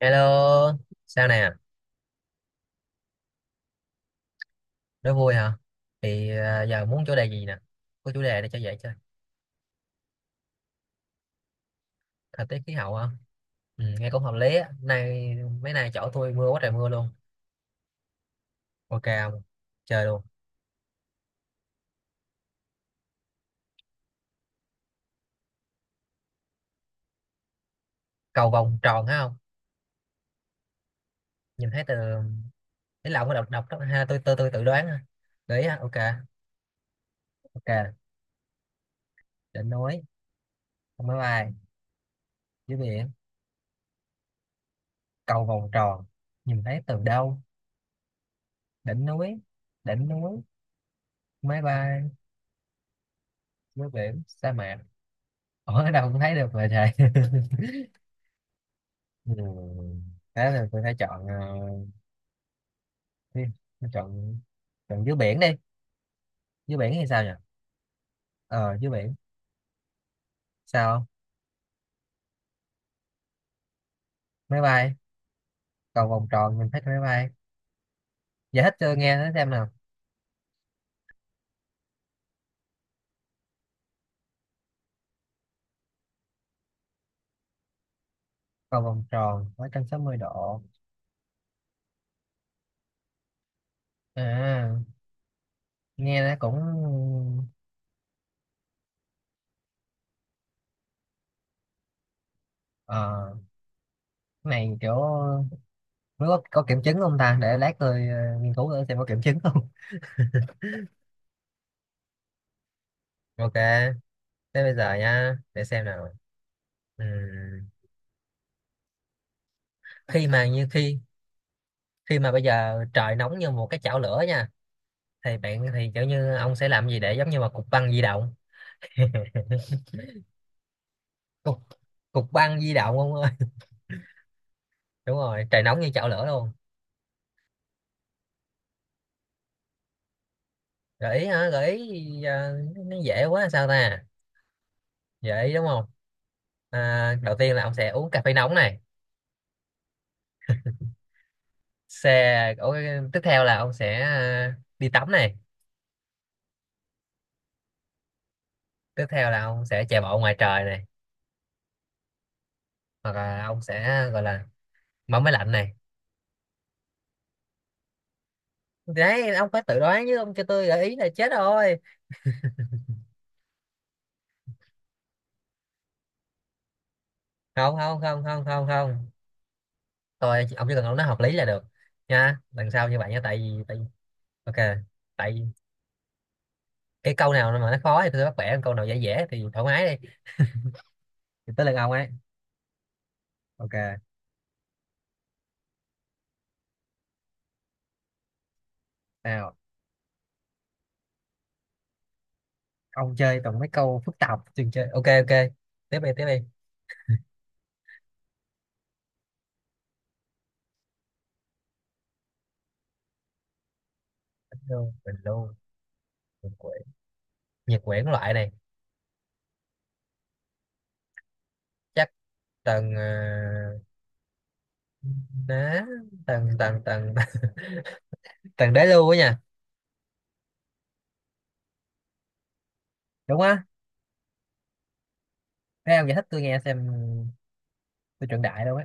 Hello, sao nè, đố vui hả? Thì giờ muốn chủ đề gì nè? Có chủ đề để cho dễ chơi. Thời tiết khí hậu hả? Ừ, nghe cũng hợp lý á. Mấy nay chỗ tôi mưa quá trời mưa luôn. Ok không? Chơi luôn. Cầu vồng tròn thấy không? Nhìn thấy từ ý là ông có đọc đọc đó. Ha, tôi tự đoán. Ha. Đấy, á, ok. Ok, đỉnh núi, không máy bay, dưới biển, cầu vồng tròn. Nhìn thấy từ đâu? Đỉnh núi, đỉnh núi, máy bay, dưới biển, sa mạc. Ủa, ở đâu cũng thấy được mà trời. Ừ. Thế thì tôi phải chọn đi. Tôi chọn chọn dưới biển đi. Dưới biển thì sao nhỉ? Ờ Dưới biển sao không? Máy bay, cầu vòng tròn mình thích máy bay. Giải thích cho nghe nó xem nào. Cầu vòng tròn 360 độ. à, Nghe nó cũng ờ cái này kiểu nó có kiểm chứng không ta, để lát tôi nghiên cứu thử xem có kiểm chứng không. Ok, thế bây giờ nha, để xem nào. Ừm, khi mà như khi khi mà bây giờ trời nóng như một cái chảo lửa nha, thì bạn thì kiểu như ông sẽ làm gì để giống như mà cục băng di động. Cục cục băng di động ông ơi. Đúng rồi, trời nóng như chảo lửa luôn. Gợi ý hả? Gợi ý nó dễ quá sao ta. Gợi ý đúng không? Đầu tiên là ông sẽ uống cà phê nóng này. Ủa, tiếp theo là ông sẽ đi tắm này. Tiếp theo là ông sẽ chạy bộ ngoài trời này. Hoặc là ông sẽ gọi là mở máy lạnh này. Đấy, ông phải tự đoán chứ, ông cho tôi gợi ý là chết rồi. Không không không không không không, tôi ông chỉ cần ông nói hợp lý là được nha, lần sau như vậy nha. Tại vì ok, tại vì cái câu nào mà nó khó thì tôi bắt bẻ, câu nào dễ dễ thì thoải mái đi. Thì tới lượt ông ấy. Ok nào, ông chơi toàn mấy câu phức tạp chừng chơi, ok ok. Tiếp đi, tiếp đi. Bình lưu, bình quyển, nhiệt quyển, loại này. Chắc tầng đá tầng tầng tầng tầng đế lưu á nha. Đúng á? Thế ông giải thích tôi nghe xem, tôi chuẩn đại đâu ấy.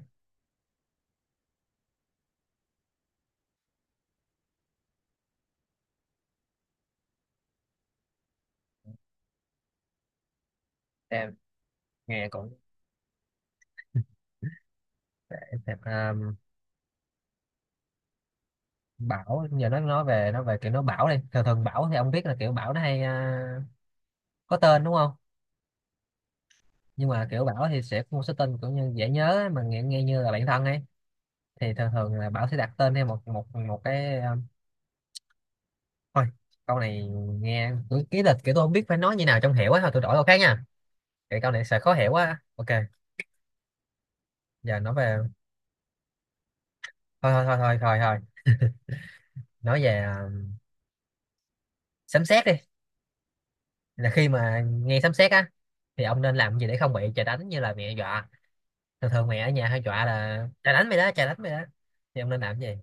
Xem, nghe cũng xem, Bảo giờ nó nói về nó về kiểu nó Bảo đi, thường thường Bảo thì ông biết là kiểu Bảo nó hay có tên đúng không. Nhưng mà kiểu Bảo thì sẽ có một số tên kiểu như dễ nhớ ấy, mà nghe như là bạn thân ấy, thì thường thường là Bảo sẽ đặt tên theo một một một cái thôi câu này nghe kiểu ký lịch, kiểu tôi không biết phải nói như nào trong hiểu ấy, thôi tôi đổi câu khác nha, cái câu này sẽ khó hiểu quá. Ok, giờ nói về thôi thôi thôi thôi thôi, thôi. Nói về sấm sét đi. Là khi mà nghe sấm sét á thì ông nên làm gì để không bị trời đánh, như là mẹ dọa thường thường mày ở nhà hay dọa là trời đánh mày đó, trời đánh mày đó. Thì ông nên làm cái gì?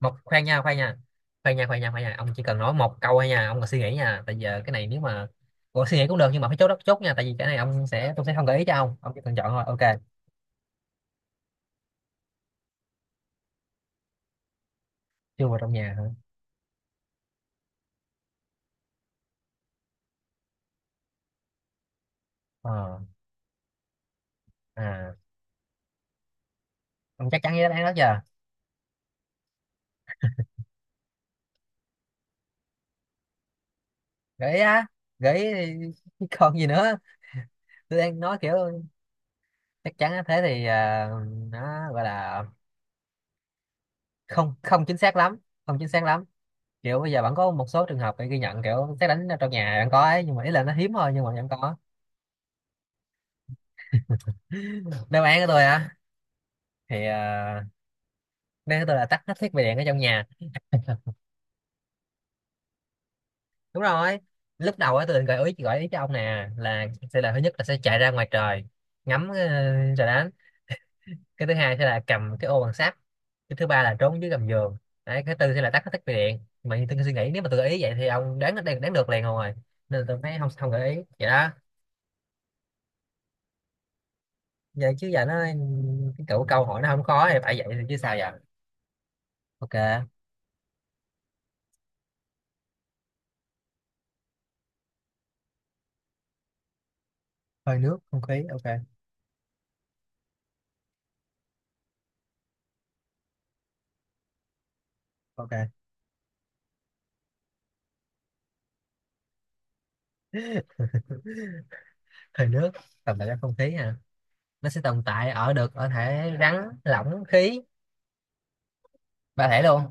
Khoan nha, khoan nha, khoan nha, khoan nha, khoan nha, ông chỉ cần nói một câu thôi nha, ông còn suy nghĩ nha, tại giờ cái này nếu mà còn suy nghĩ cũng được nhưng mà phải chốt đất chốt nha, tại vì cái này ông sẽ tôi sẽ không gợi ý cho ông chỉ cần chọn thôi. Ok. Chưa vào trong nhà hả? ờ à ông chắc chắn với đáp án đó chưa? Gợi ý á? Gợi ý thì chứ còn gì nữa. Tôi đang nói kiểu chắc chắn á. Thế thì nó gọi là không không chính xác lắm, không chính xác lắm, kiểu bây giờ vẫn có một số trường hợp bị ghi nhận kiểu xét đánh trong nhà vẫn có ấy, nhưng mà ý là nó hiếm thôi, nhưng mà vẫn có. Đáp án của tôi á? Thì đáp án của tôi là tắt hết thiết bị điện ở trong nhà. Đúng rồi. Lúc đầu á tôi định gợi ý cho ông nè là sẽ là thứ nhất là sẽ chạy ra ngoài trời ngắm trời đánh. Cái thứ hai sẽ là cầm cái ô bằng sắt. Cái thứ ba là trốn dưới gầm giường. Đấy cái tư sẽ là tắt hết thiết bị điện, mà như tôi suy nghĩ nếu mà tôi gợi ý vậy thì ông đoán đoán, đoán được liền rồi, nên là tôi mới không không gợi ý vậy đó. Vậy chứ giờ nó cái câu hỏi nó không khó thì phải vậy thì chứ sao giờ. Ok. Hơi nước không khí. Ok ok. Hơi nước tồn tại trong không khí hả? Nó sẽ tồn tại ở được ở thể rắn lỏng khí, ba thể luôn.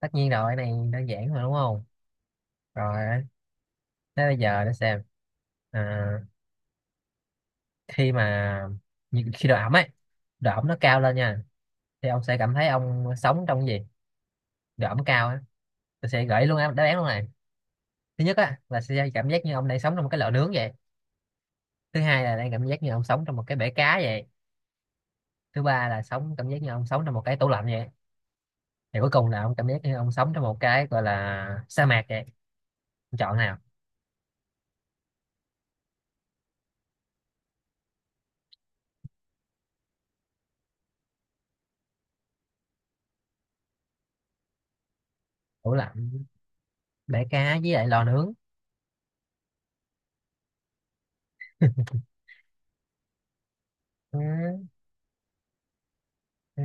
Tất nhiên rồi, cái này đơn giản mà đúng không? Rồi, thế bây giờ để xem à, khi mà như- khi độ ẩm ấy, độ ẩm nó cao lên nha, thì ông sẽ cảm thấy ông sống trong cái gì? Độ ẩm cao á. Tôi sẽ gợi ý luôn á, đáp án luôn này. Thứ nhất á là sẽ cảm giác như ông đang sống trong một cái lò nướng vậy. Thứ hai là đang cảm giác như ông sống trong một cái bể cá vậy. Thứ ba là sống cảm giác như ông sống trong một cái tủ lạnh vậy. Thì cuối cùng là ông cảm giác như ông sống trong một cái gọi là sa mạc vậy. Ông chọn nào? Tủ lạnh, bể cá với lại lò nướng. Ừ, ừ.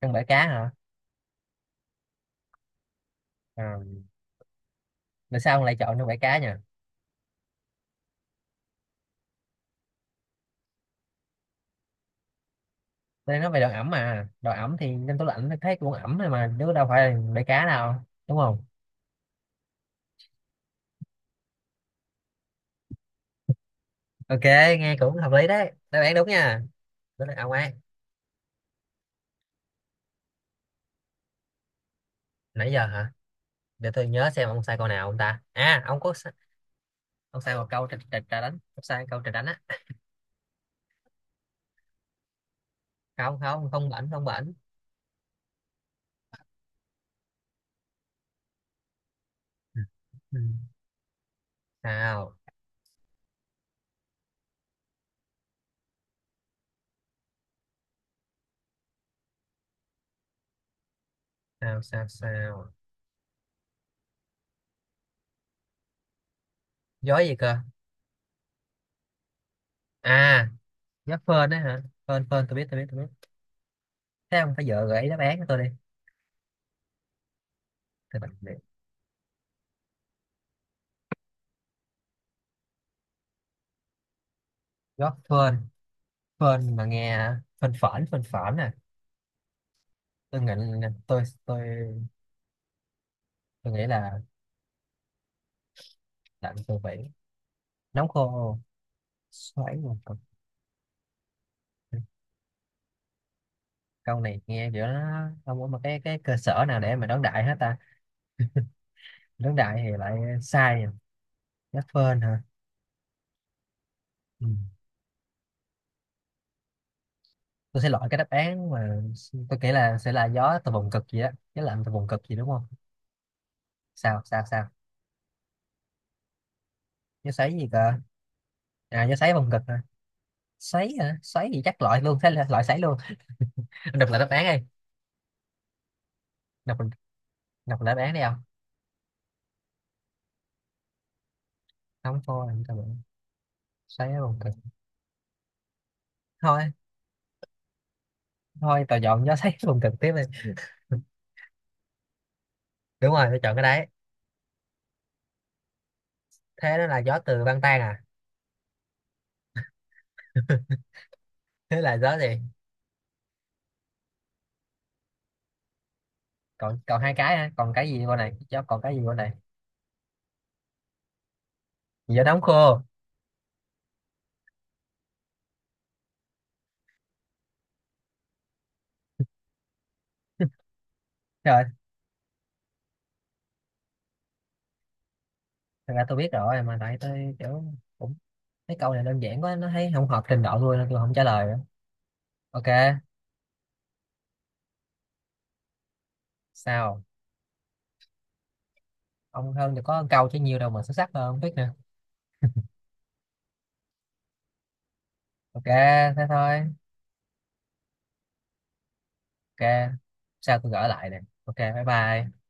Trong bể cá hả? Ờ, tại sao ông lại chọn trong bể cá nhỉ? Tôi nói về độ ẩm mà, độ ẩm thì trong tủ lạnh nó thấy cũng ẩm thôi mà, chứ đâu phải là bể cá đâu, đúng không? Ok, nghe cũng hợp lý đấy, đáp án đúng nha. Đó là ông ấy. Nãy giờ hả? Để tôi nhớ xem ông sai câu nào, ông ta à, ông có ông sai một câu trà đánh, ông sai câu trà đánh á. Không không không bảnh, không bảnh. Ừ. Ừ. Sao sao sao? Sao? Gió gì cơ? à Gió phơn đấy hả? Phơn phơn tôi biết, tôi biết, tôi biết. Thế không phải vợ gợi ý đáp án cho tôi đi. Từ bệnh viện. Gió phơn, phơn mà nghe, phơn phởn nè. Tôi nghĩ, tôi tôi tôi nghĩ là lạnh từ biển, nóng khô, xoáy một cực. Câu này nghe kiểu nó không có một cái cơ sở nào để mà đón đại hết ta. Đón đại thì lại sai à. Gió phơn hả? Ừ. Tôi sẽ loại cái đáp án mà tôi nghĩ là sẽ là gió từ vùng cực gì đó, gió lạnh từ vùng cực gì đúng không? Sao sao sao? Gió xoáy gì cơ? Gió xoáy vùng cực hả? Xoáy hả? Xoáy gì chắc loại luôn. Thế là loại xoáy luôn. Đọc lại đáp án đi. Đọc đọc lại đáp án đi không? Không thôi không cho bạn. Xoáy ở vùng cực. Thôi thôi tôi chọn gió xoáy vùng cực tiếp đi. Đúng rồi, tôi chọn cái đấy. Thế đó là gió từ băng tan à? Thế là gió gì? Còn còn hai cái hả? Còn cái gì bên này gió, còn cái gì bên này? Gió nóng khô. Rồi, thật ra tôi biết rồi mà, tại tôi kiểu cũng mấy câu này đơn giản quá nó thấy không hợp trình độ tôi nên tôi không trả lời nữa. Ok. Sao ông hơn thì có câu chứ, nhiều đâu mà xuất sắc hơn không biết nè. Ok, thế thôi. Ok, sao tôi gỡ lại nè. Ok, bye bye.